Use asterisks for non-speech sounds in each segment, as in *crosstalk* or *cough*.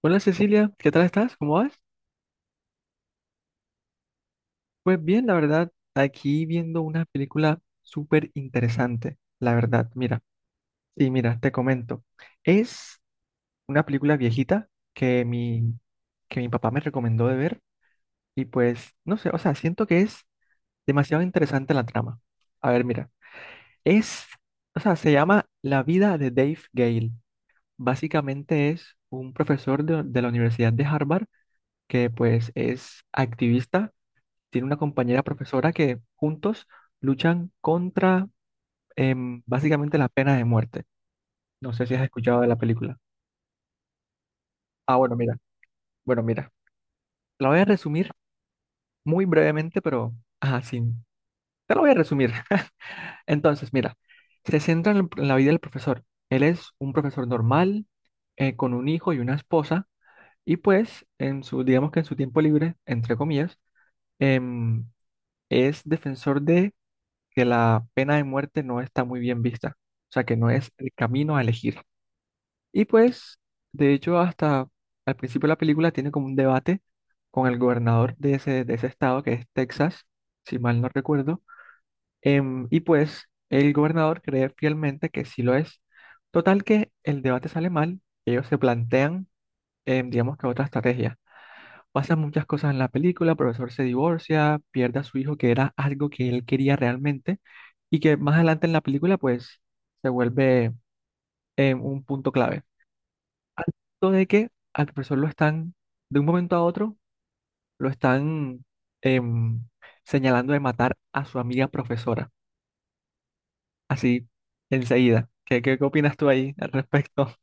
Hola Cecilia, ¿qué tal estás? ¿Cómo vas? Pues bien, la verdad, aquí viendo una película súper interesante, la verdad, mira, sí, mira, te comento. Es una película viejita que mi, que mi papá me recomendó de ver y pues, no sé, o sea, siento que es demasiado interesante la trama. A ver, mira, es, o sea, se llama La vida de Dave Gale. Básicamente es un profesor de la Universidad de Harvard que pues es activista, tiene una compañera profesora que juntos luchan contra básicamente la pena de muerte. No sé si has escuchado de la película. Ah, bueno, mira, bueno, mira. La voy a resumir muy brevemente, pero ajá, sí. Te la voy a resumir. *laughs* Entonces, mira, se centra en, en la vida del profesor. Él es un profesor normal, con un hijo y una esposa, y pues, en su, digamos que en su tiempo libre, entre comillas, em, es defensor de que la pena de muerte no está muy bien vista, o sea, que no es el camino a elegir. Y pues, de hecho, hasta al principio de la película tiene como un debate con el gobernador de ese, estado, que es Texas, si mal no recuerdo, y pues el gobernador cree fielmente que sí lo es. Total que el debate sale mal, ellos se plantean, digamos que otra estrategia. Pasan muchas cosas en la película, el profesor se divorcia, pierde a su hijo, que era algo que él quería realmente, y que más adelante en la película, pues, se vuelve un punto clave. Al punto de que al profesor lo están, de un momento a otro, lo están em, señalando de matar a su amiga profesora, así, enseguida. ¿Qué opinas tú ahí al respecto? *laughs*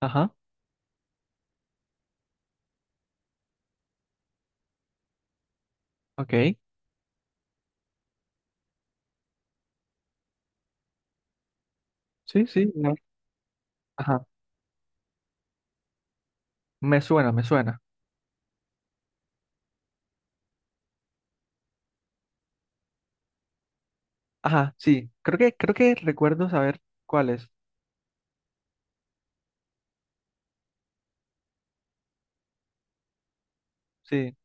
Ajá, ok. Sí, sí, no. Ajá, me suena, me suena. Ajá, sí, creo que recuerdo saber cuál es. Sí,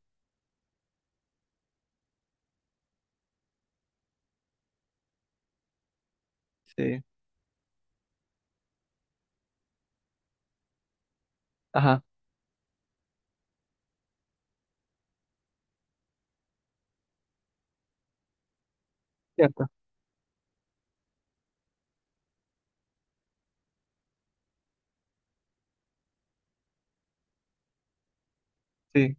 sí, ajá, cierto, sí,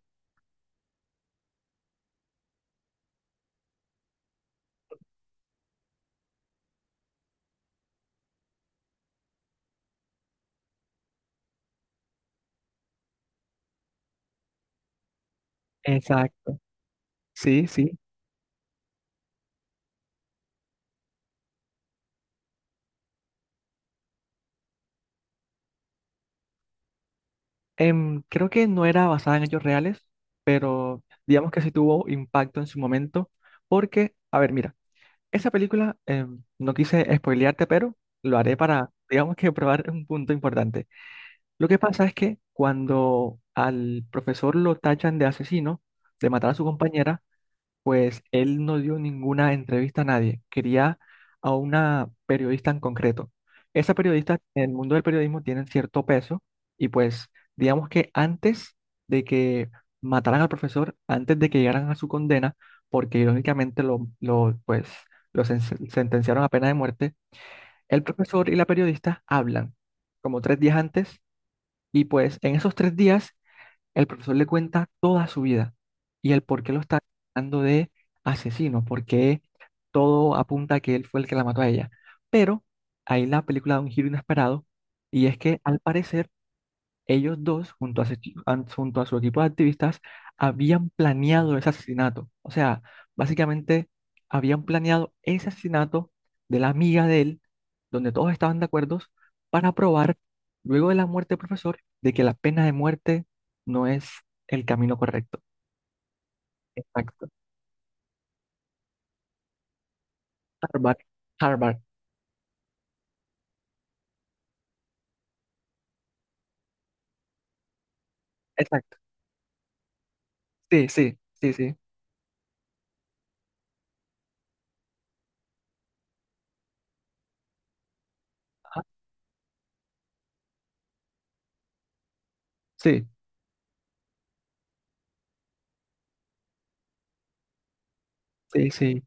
exacto, sí, sí. Creo que no era basada en hechos reales, pero digamos que sí tuvo impacto en su momento, porque, a ver, mira, esa película, no quise spoilearte, pero lo haré para, digamos que *laughs* probar un punto importante. Lo que pasa es que cuando al profesor lo tachan de asesino, de matar a su compañera, pues él no dio ninguna entrevista a nadie, quería a una periodista en concreto. Esa periodista en el mundo del periodismo tienen cierto peso y pues digamos que antes de que mataran al profesor, antes de que llegaran a su condena, porque irónicamente lo, pues, lo sentenciaron a pena de muerte. El profesor y la periodista hablan como 3 días antes y pues en esos 3 días el profesor le cuenta toda su vida y el por qué lo está tratando de asesino, porque todo apunta a que él fue el que la mató a ella. Pero ahí la película da un giro inesperado y es que al parecer ellos dos, junto a su equipo de activistas, habían planeado ese asesinato. O sea, básicamente habían planeado ese asesinato de la amiga de él, donde todos estaban de acuerdo, para probar, luego de la muerte del profesor, de que la pena de muerte no es el camino correcto. Exacto. Harvard, Harvard, exacto. Sí, sí, sí, sí. Ajá. Sí, sí, sí,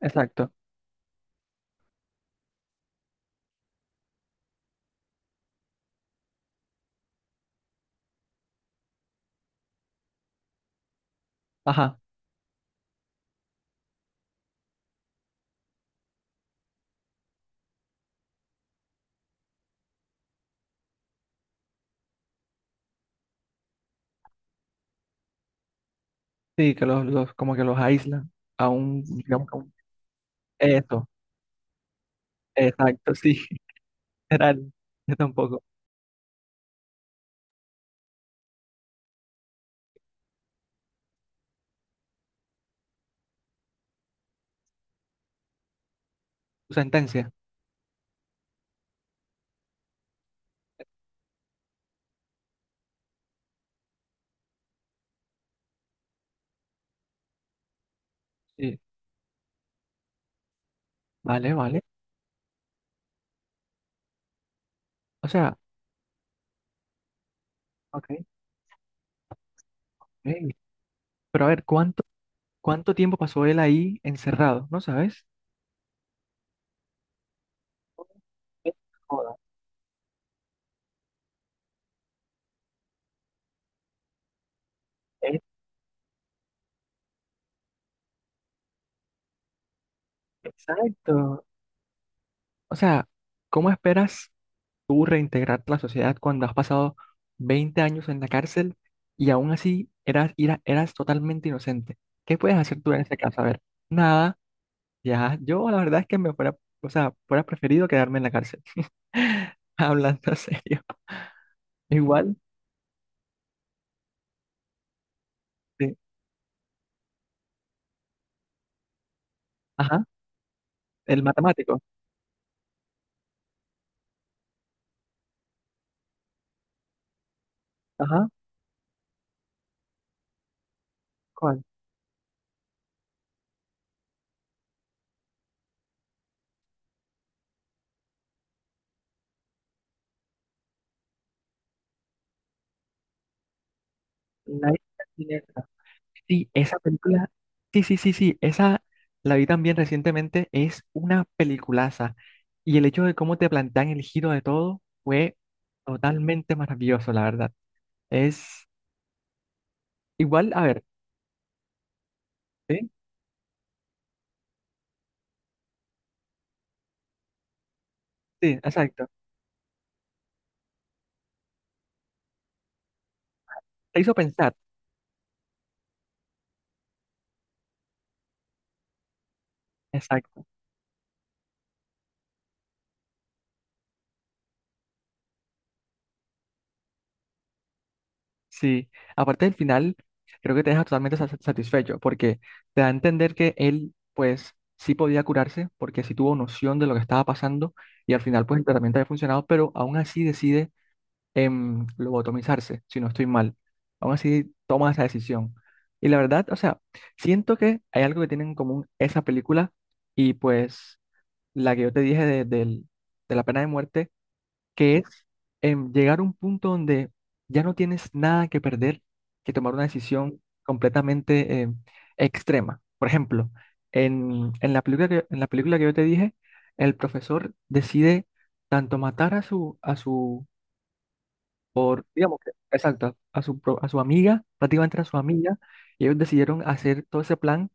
exacto. Ajá. Sí, que los como que los aíslan a un, digamos, eso. Exacto, sí, *laughs* literal. Yo tampoco. Tu sentencia. Sí, vale, vale. O sea, ok. Ey, pero a ver, ¿cuánto tiempo pasó él ahí encerrado? ¿No sabes? Eh, Joda. eh, Exacto. O sea, ¿cómo esperas tú reintegrarte a la sociedad cuando has pasado 20 años en la cárcel y aún así eras totalmente inocente? ¿Qué puedes hacer tú en ese caso? A ver, nada, ya, yo la verdad es que me fuera, o sea, fuera preferido quedarme en la cárcel. *laughs* Hablando en serio. Igual, sí. Ajá, el matemático. Ajá, ¿cuál? Night Shyamalan. Sí, esa película, sí, sí, sí, sí, esa la vi también recientemente, es una peliculaza. Y el hecho de cómo te plantean el giro de todo fue totalmente maravilloso, la verdad. Es igual, a ver, sí, sí, exacto. Te hizo pensar, exacto. Sí, aparte del final, creo que te deja totalmente satisfecho, porque te da a entender que él, pues, sí podía curarse porque sí tuvo noción de lo que estaba pasando y al final, pues, el tratamiento había funcionado, pero aún así decide lobotomizarse, si no estoy mal. Aún así toma esa decisión. Y la verdad, o sea, siento que hay algo que tienen en común esa película y pues la que yo te dije de la pena de muerte, que es llegar a un punto donde ya no tienes nada que perder, que tomar una decisión completamente extrema. Por ejemplo, en la película que yo te dije, el profesor decide tanto matar a su, por, digamos, exacto, a su amiga, prácticamente a su amiga, y ellos decidieron hacer todo ese plan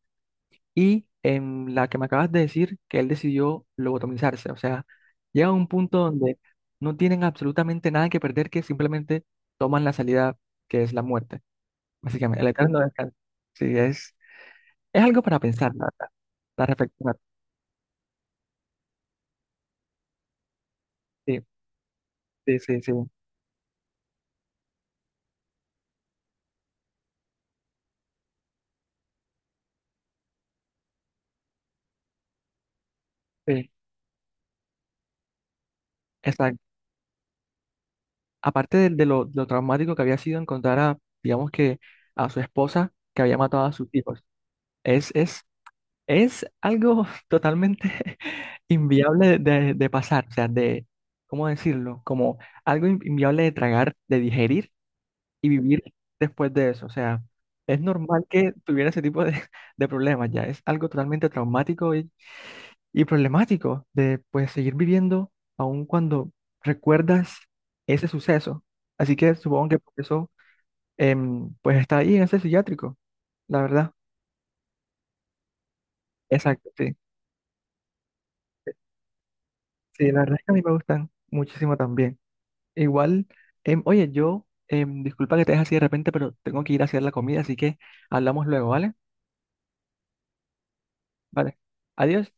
y en la que me acabas de decir que él decidió lobotomizarse. O sea, llega a un punto donde no tienen absolutamente nada que perder, que simplemente toman la salida que es la muerte, básicamente, el eterno descanso. Sí, es algo para pensar, la verdad, para reflexionar. Sí, sí, sí, sí, sí, exacto. Aparte de lo traumático que había sido encontrar a, digamos que, a su esposa que había matado a sus hijos. Es Es algo totalmente *laughs* inviable de pasar, o sea, ¿cómo decirlo? Como algo inviable de tragar, de digerir y vivir después de eso. O sea, es normal que tuviera ese tipo de, *laughs* de problemas ya. Es algo totalmente traumático y problemático de, pues, seguir viviendo aun cuando recuerdas ese suceso. Así que supongo que por eso, pues, está ahí en ese psiquiátrico, la verdad. Exacto, sí. Sí, la verdad es que a mí me gustan muchísimo también. Igual, oye, yo, disculpa que te deje así de repente, pero tengo que ir a hacer la comida, así que hablamos luego, ¿vale? Vale. Adiós.